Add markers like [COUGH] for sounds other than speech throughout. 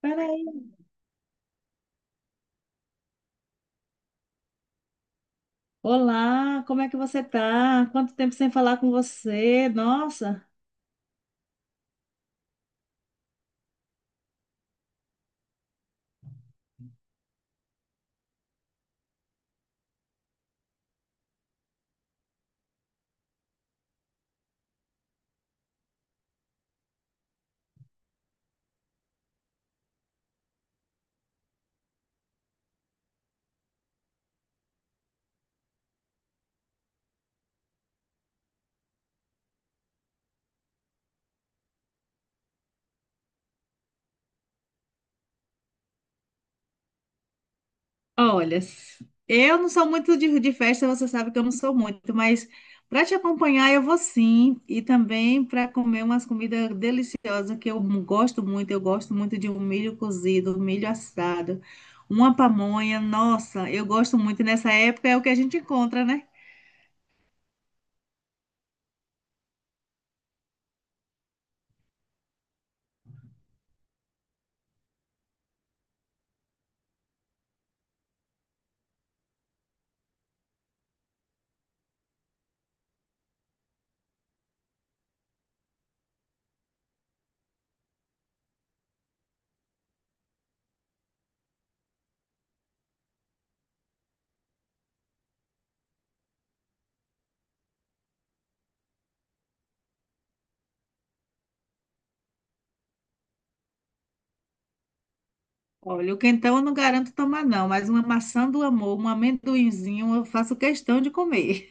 Peraí. Olá, como é que você tá? Quanto tempo sem falar com você? Nossa. Olha, eu não sou muito de festa, você sabe que eu não sou muito, mas para te acompanhar eu vou sim, e também para comer umas comidas deliciosas que eu gosto muito. Eu gosto muito de um milho cozido, um milho assado, uma pamonha. Nossa, eu gosto muito. E nessa época é o que a gente encontra, né? Olha, o quentão eu não garanto tomar, não, mas uma maçã do amor, um amendoinzinho, eu faço questão de comer.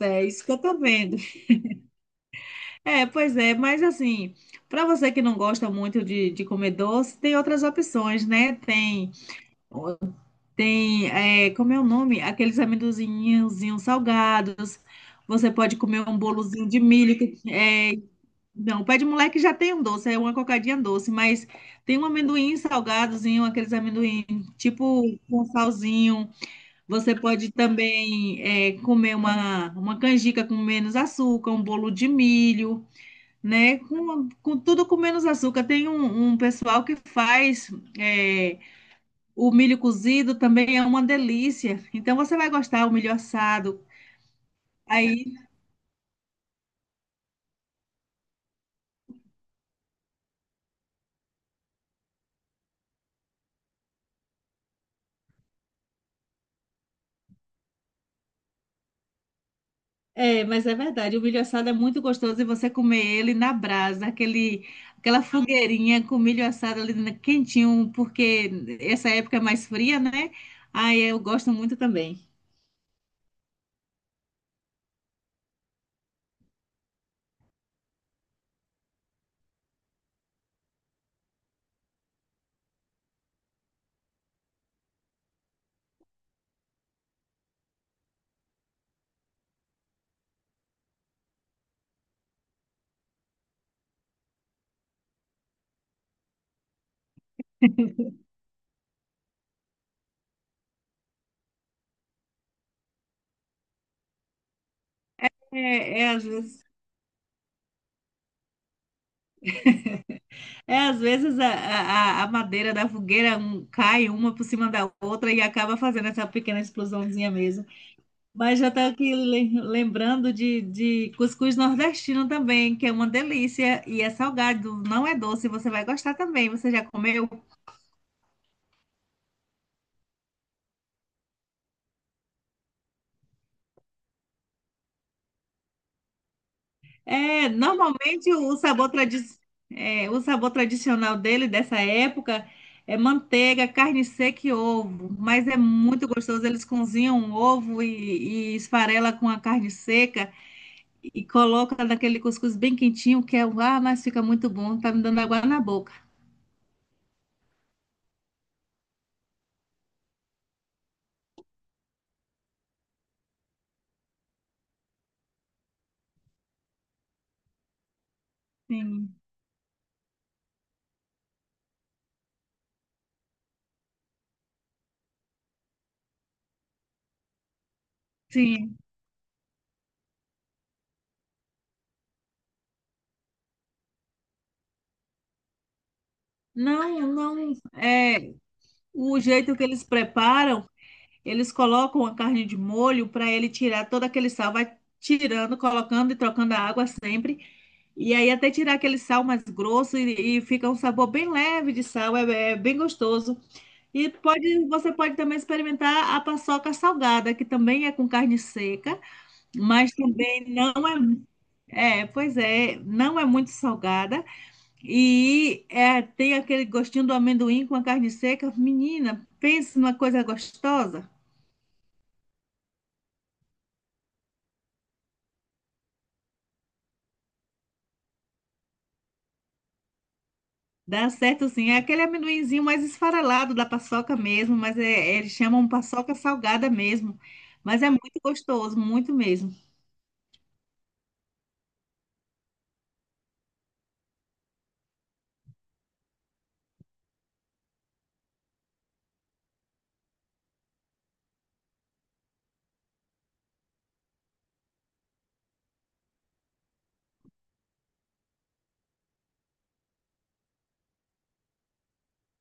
É isso que eu tô vendo. É, pois é, mas assim, para você que não gosta muito de comer doce, tem outras opções, né? Tem, como é o nome? Aqueles amendozinhos salgados. Você pode comer um bolozinho de milho. Não, o pé de moleque já tem um doce, é uma cocadinha doce, mas tem um amendoim salgadozinho, aqueles amendoim tipo com salzinho. Você pode também comer uma canjica com menos açúcar, um bolo de milho, né? Com tudo com menos açúcar. Tem um pessoal que faz é, o milho cozido também é uma delícia. Então você vai gostar o milho assado. Aí, é, mas é verdade, o milho assado é muito gostoso e você comer ele na brasa, aquele, aquela fogueirinha com milho assado ali na- quentinho, porque essa época é mais fria, né? Aí eu gosto muito também. É, é, às vezes a madeira da fogueira um- cai uma por cima da outra e acaba fazendo essa pequena explosãozinha mesmo. Mas já estou aqui le- lembrando de cuscuz nordestino também, que é uma delícia e é salgado, não é doce. Você vai gostar também. Você já comeu? É, normalmente o sabor, tradi é, o sabor tradicional dele, dessa época, é manteiga, carne seca e ovo. Mas é muito gostoso. Eles cozinham o ovo e esfarela com a carne seca e coloca naquele cuscuz bem quentinho, que é, ah, mas fica muito bom. Tá me dando água na boca. Sim, sim. Não, não. É, o jeito que eles preparam. Eles colocam a carne de molho para ele tirar todo aquele sal, vai tirando, colocando e trocando a água sempre. E aí até tirar aquele sal mais grosso e fica um sabor bem leve de sal, é, é bem gostoso. E pode, você pode também experimentar a paçoca salgada, que também é com carne seca, mas também não é, é, pois é, não é muito salgada. E é, tem aquele gostinho do amendoim com a carne seca. Menina, pense numa coisa gostosa. Dá certo sim. É aquele amendoinzinho mais esfarelado da paçoca mesmo, mas é, é, eles chamam paçoca salgada mesmo. Mas é muito gostoso, muito mesmo.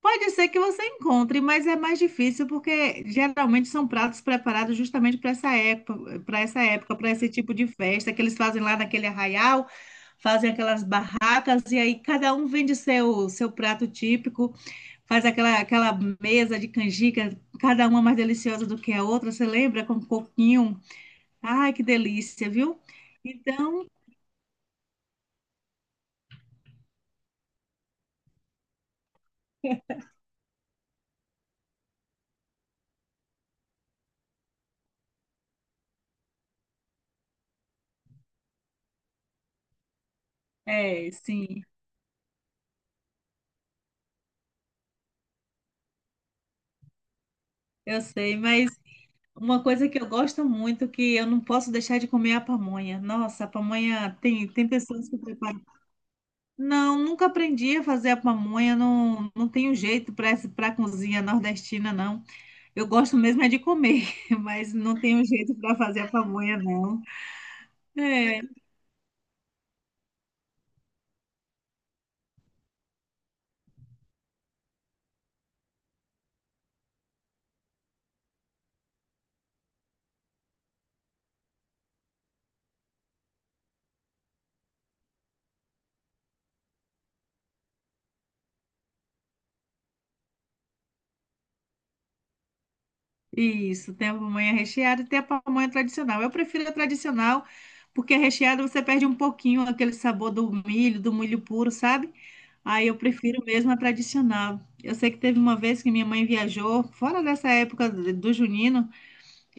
Pode ser que você encontre, mas é mais difícil porque geralmente são pratos preparados justamente para essa época, para essa época, para esse tipo de festa que eles fazem lá naquele arraial, fazem aquelas barracas e aí cada um vende seu prato típico, faz aquela aquela mesa de canjica, cada uma mais deliciosa do que a outra. Você lembra com um coquinho? Ai, que delícia, viu? Então, é, sim, eu sei, mas uma coisa que eu gosto muito, que eu não posso deixar de comer é a pamonha. Nossa, a pamonha tem, tem pessoas que preparam. Não, nunca aprendi a fazer a pamonha, não, não tenho jeito para para cozinha nordestina, não. Eu gosto mesmo é de comer, [LAUGHS] mas não tenho jeito para fazer a pamonha, não. É, isso, tem a pamonha recheada e tem a pamonha tradicional. Eu prefiro a tradicional, porque a recheada você perde um pouquinho aquele sabor do milho puro, sabe? Aí eu prefiro mesmo a tradicional. Eu sei que teve uma vez que minha mãe viajou, fora dessa época do junino,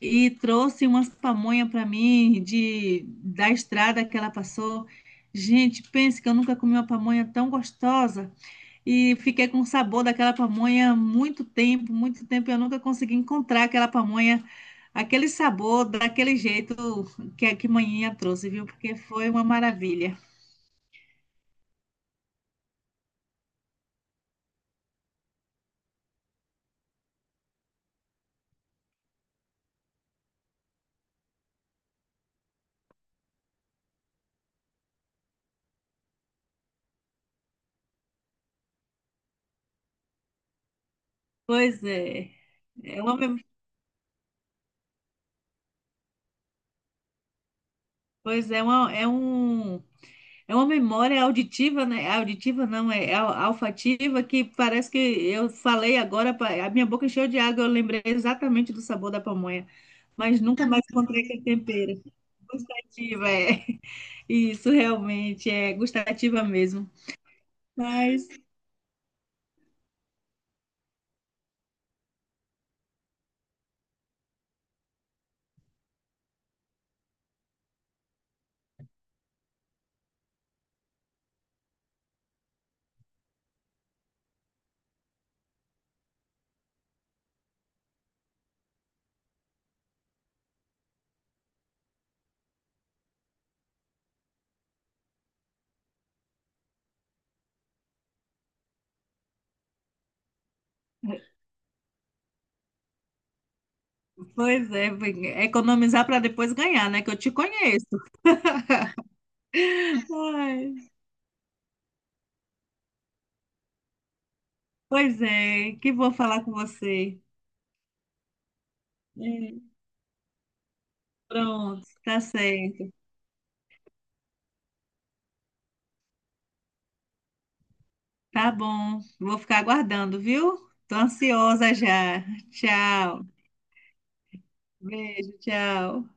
e trouxe umas pamonha para mim de da estrada que ela passou. Gente, pense que eu nunca comi uma pamonha tão gostosa e fiquei com o sabor daquela pamonha muito tempo, muito tempo. Eu nunca consegui encontrar aquela pamonha, aquele sabor, daquele jeito que a que manhinha trouxe, viu? Porque foi uma maravilha. Pois é, é uma, mem- pois é, uma, é um é uma memória auditiva, né? É auditiva não, é al- olfativa que parece que eu falei agora, pa- a minha boca encheu de água, eu lembrei exatamente do sabor da pamonha, mas nunca mais encontrei aquele tempero. Gustativa, é. [LAUGHS] Isso realmente é gustativa mesmo. Mas, pois é, economizar para depois ganhar, né? Que eu te conheço. Ai, pois é, que vou falar com você. É, pronto, tá certo. Tá bom. Vou ficar aguardando, viu? Tô ansiosa já. Tchau. Beijo, tchau.